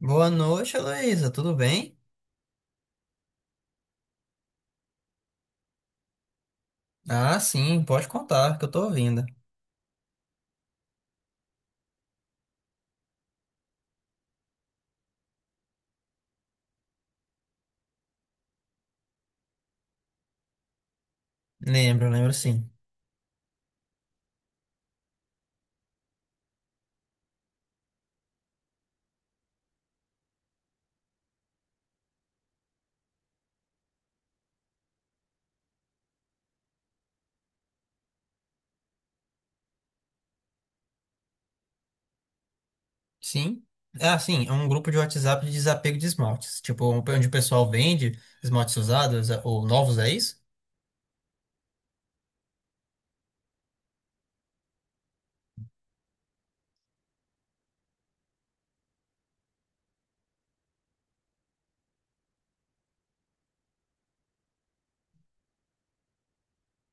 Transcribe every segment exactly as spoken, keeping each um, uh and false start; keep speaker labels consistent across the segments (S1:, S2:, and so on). S1: Boa noite, Heloísa. Tudo bem? Ah, sim, pode contar, que eu tô ouvindo. Lembro, lembro sim. Sim? Ah, sim, é um grupo de WhatsApp de desapego de esmaltes. Tipo, um, onde o pessoal vende esmaltes usados eh, ou novos, é isso?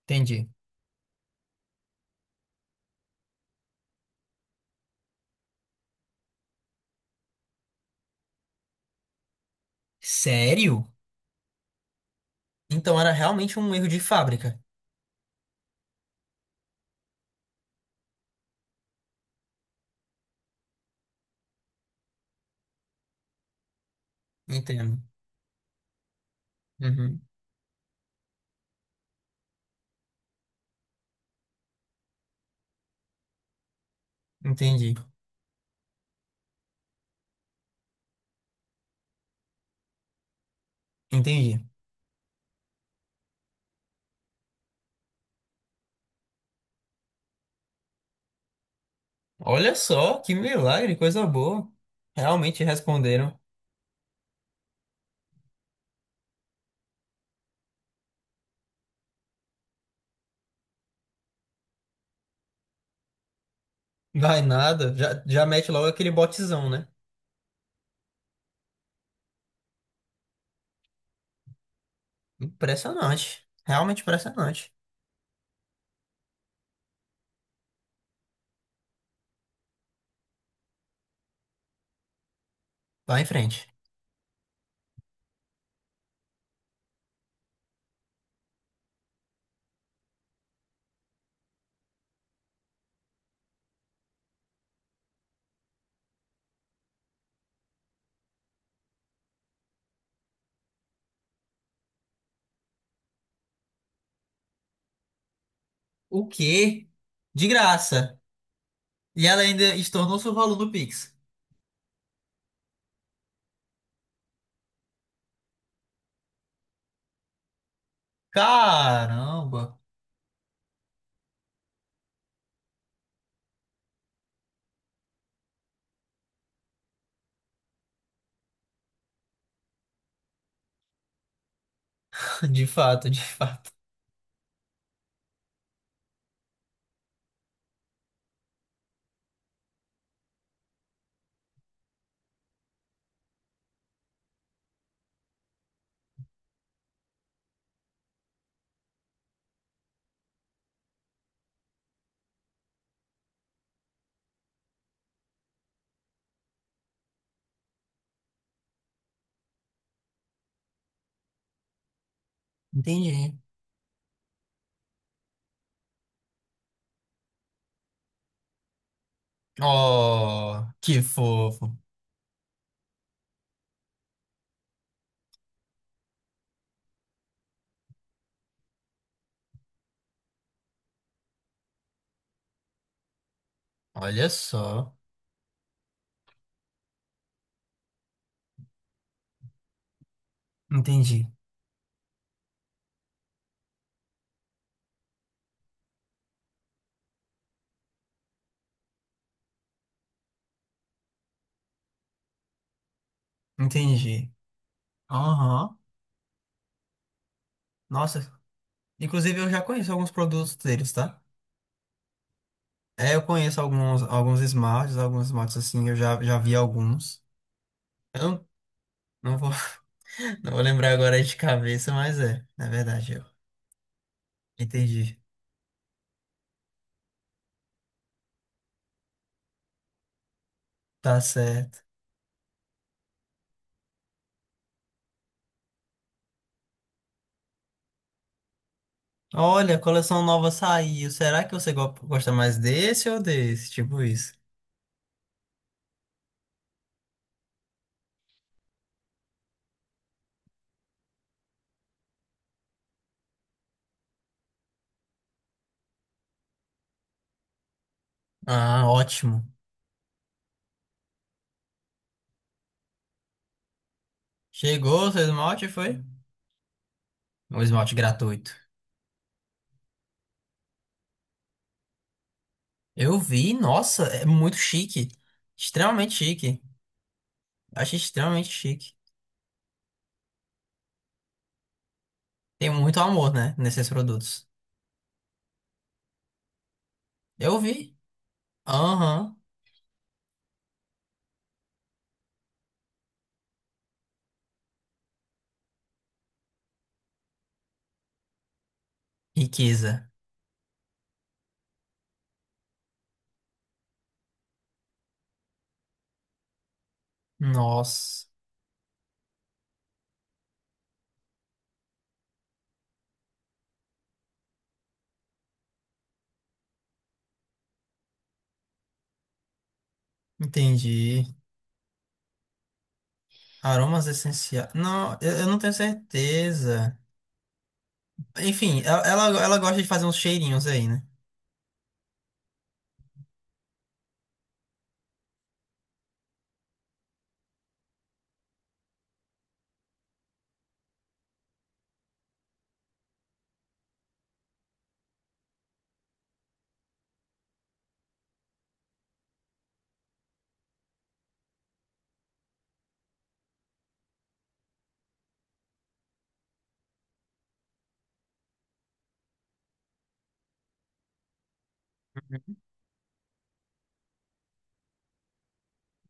S1: Entendi. Sério? Então era realmente um erro de fábrica. Entendo. Uhum. Entendi, entendi. Olha só, que milagre, coisa boa. Realmente responderam. Vai nada, já, já mete logo aquele botzão, né? Impressionante. Realmente impressionante. Vai em frente. O quê? De graça. E ela ainda estornou-se o valor do Pix. Caramba. De fato, de fato. Entendi. Oh, que fofo. Olha só. Entendi. Entendi. Aham. Nossa. Inclusive, eu já conheço alguns produtos deles, tá? É, eu conheço alguns, alguns smarts, alguns smarts assim, eu já, já vi alguns. Eu não, não vou não vou lembrar agora de cabeça, mas é. Na verdade, eu entendi. Tá certo. Olha, a coleção nova saiu. Será que você go- gosta mais desse ou desse? Tipo isso. Ah, ótimo. Chegou o seu esmalte, foi? Um esmalte gratuito. Eu vi, nossa, é muito chique. Extremamente chique. Achei extremamente chique. Tem muito amor, né, nesses produtos. Eu vi. Aham. Riqueza. Nossa. Entendi. Aromas essenciais. Não, eu, eu não tenho certeza. Enfim, ela, ela ela gosta de fazer uns cheirinhos aí, né?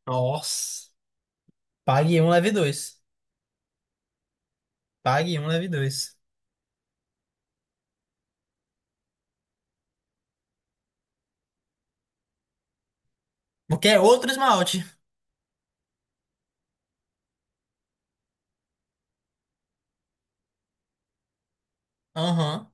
S1: Nossa. Pague um, leve dois. Pague um, leve dois. Porque é outro esmalte. Aham.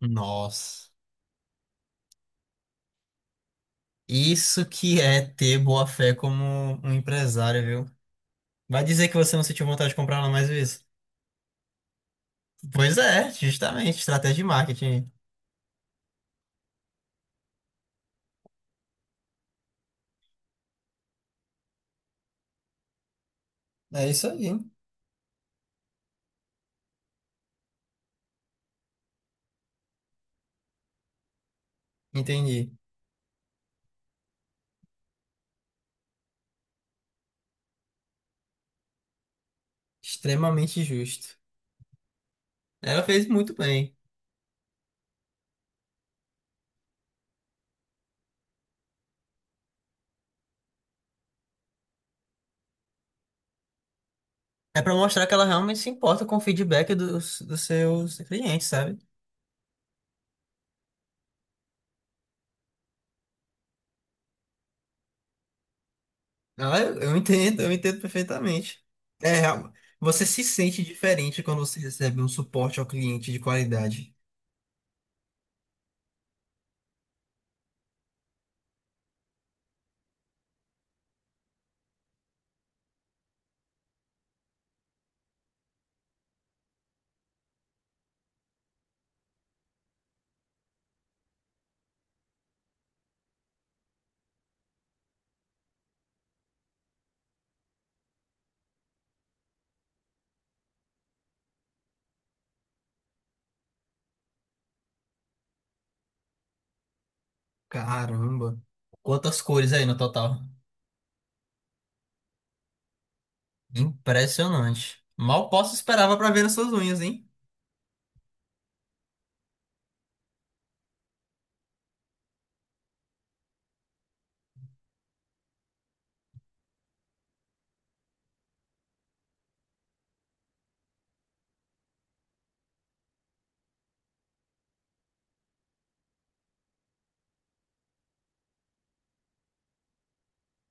S1: Nossa. Isso que é ter boa fé como um empresário, viu? Vai dizer que você não sentiu vontade de comprar lá mais vezes? Pois é, justamente. Estratégia de marketing. É isso aí. Entendi. Extremamente justo. Ela fez muito bem. É pra mostrar que ela realmente se importa com o feedback dos, dos seus clientes, sabe? Ah, eu, eu entendo, eu entendo perfeitamente. É, real- Você se sente diferente quando você recebe um suporte ao cliente de qualidade. Caramba, quantas cores aí no total. Impressionante. Mal posso esperava pra ver as suas unhas, hein?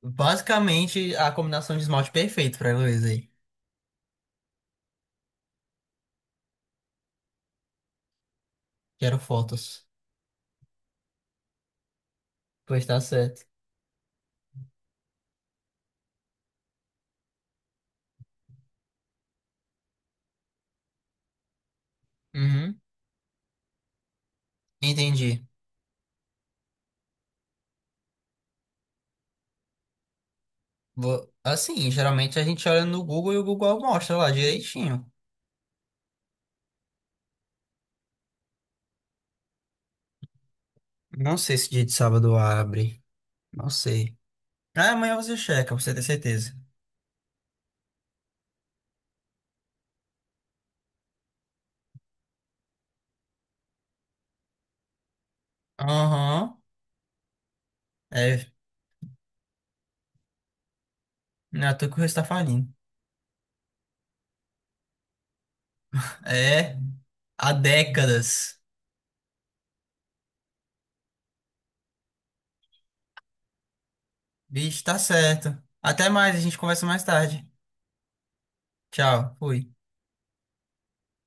S1: Basicamente, a combinação de esmalte perfeito pra Heloísa aí. Quero fotos. Pois tá certo. Uhum, entendi. Vo- Assim, geralmente a gente olha no Google e o Google mostra lá direitinho. Não sei se dia de sábado abre. Não sei. Ah, amanhã você checa, pra você ter certeza. Aham. É. Não é à toa que o resto tá falindo. É. Há décadas. Bicho, tá certo. Até mais, a gente conversa mais tarde. Tchau. Fui.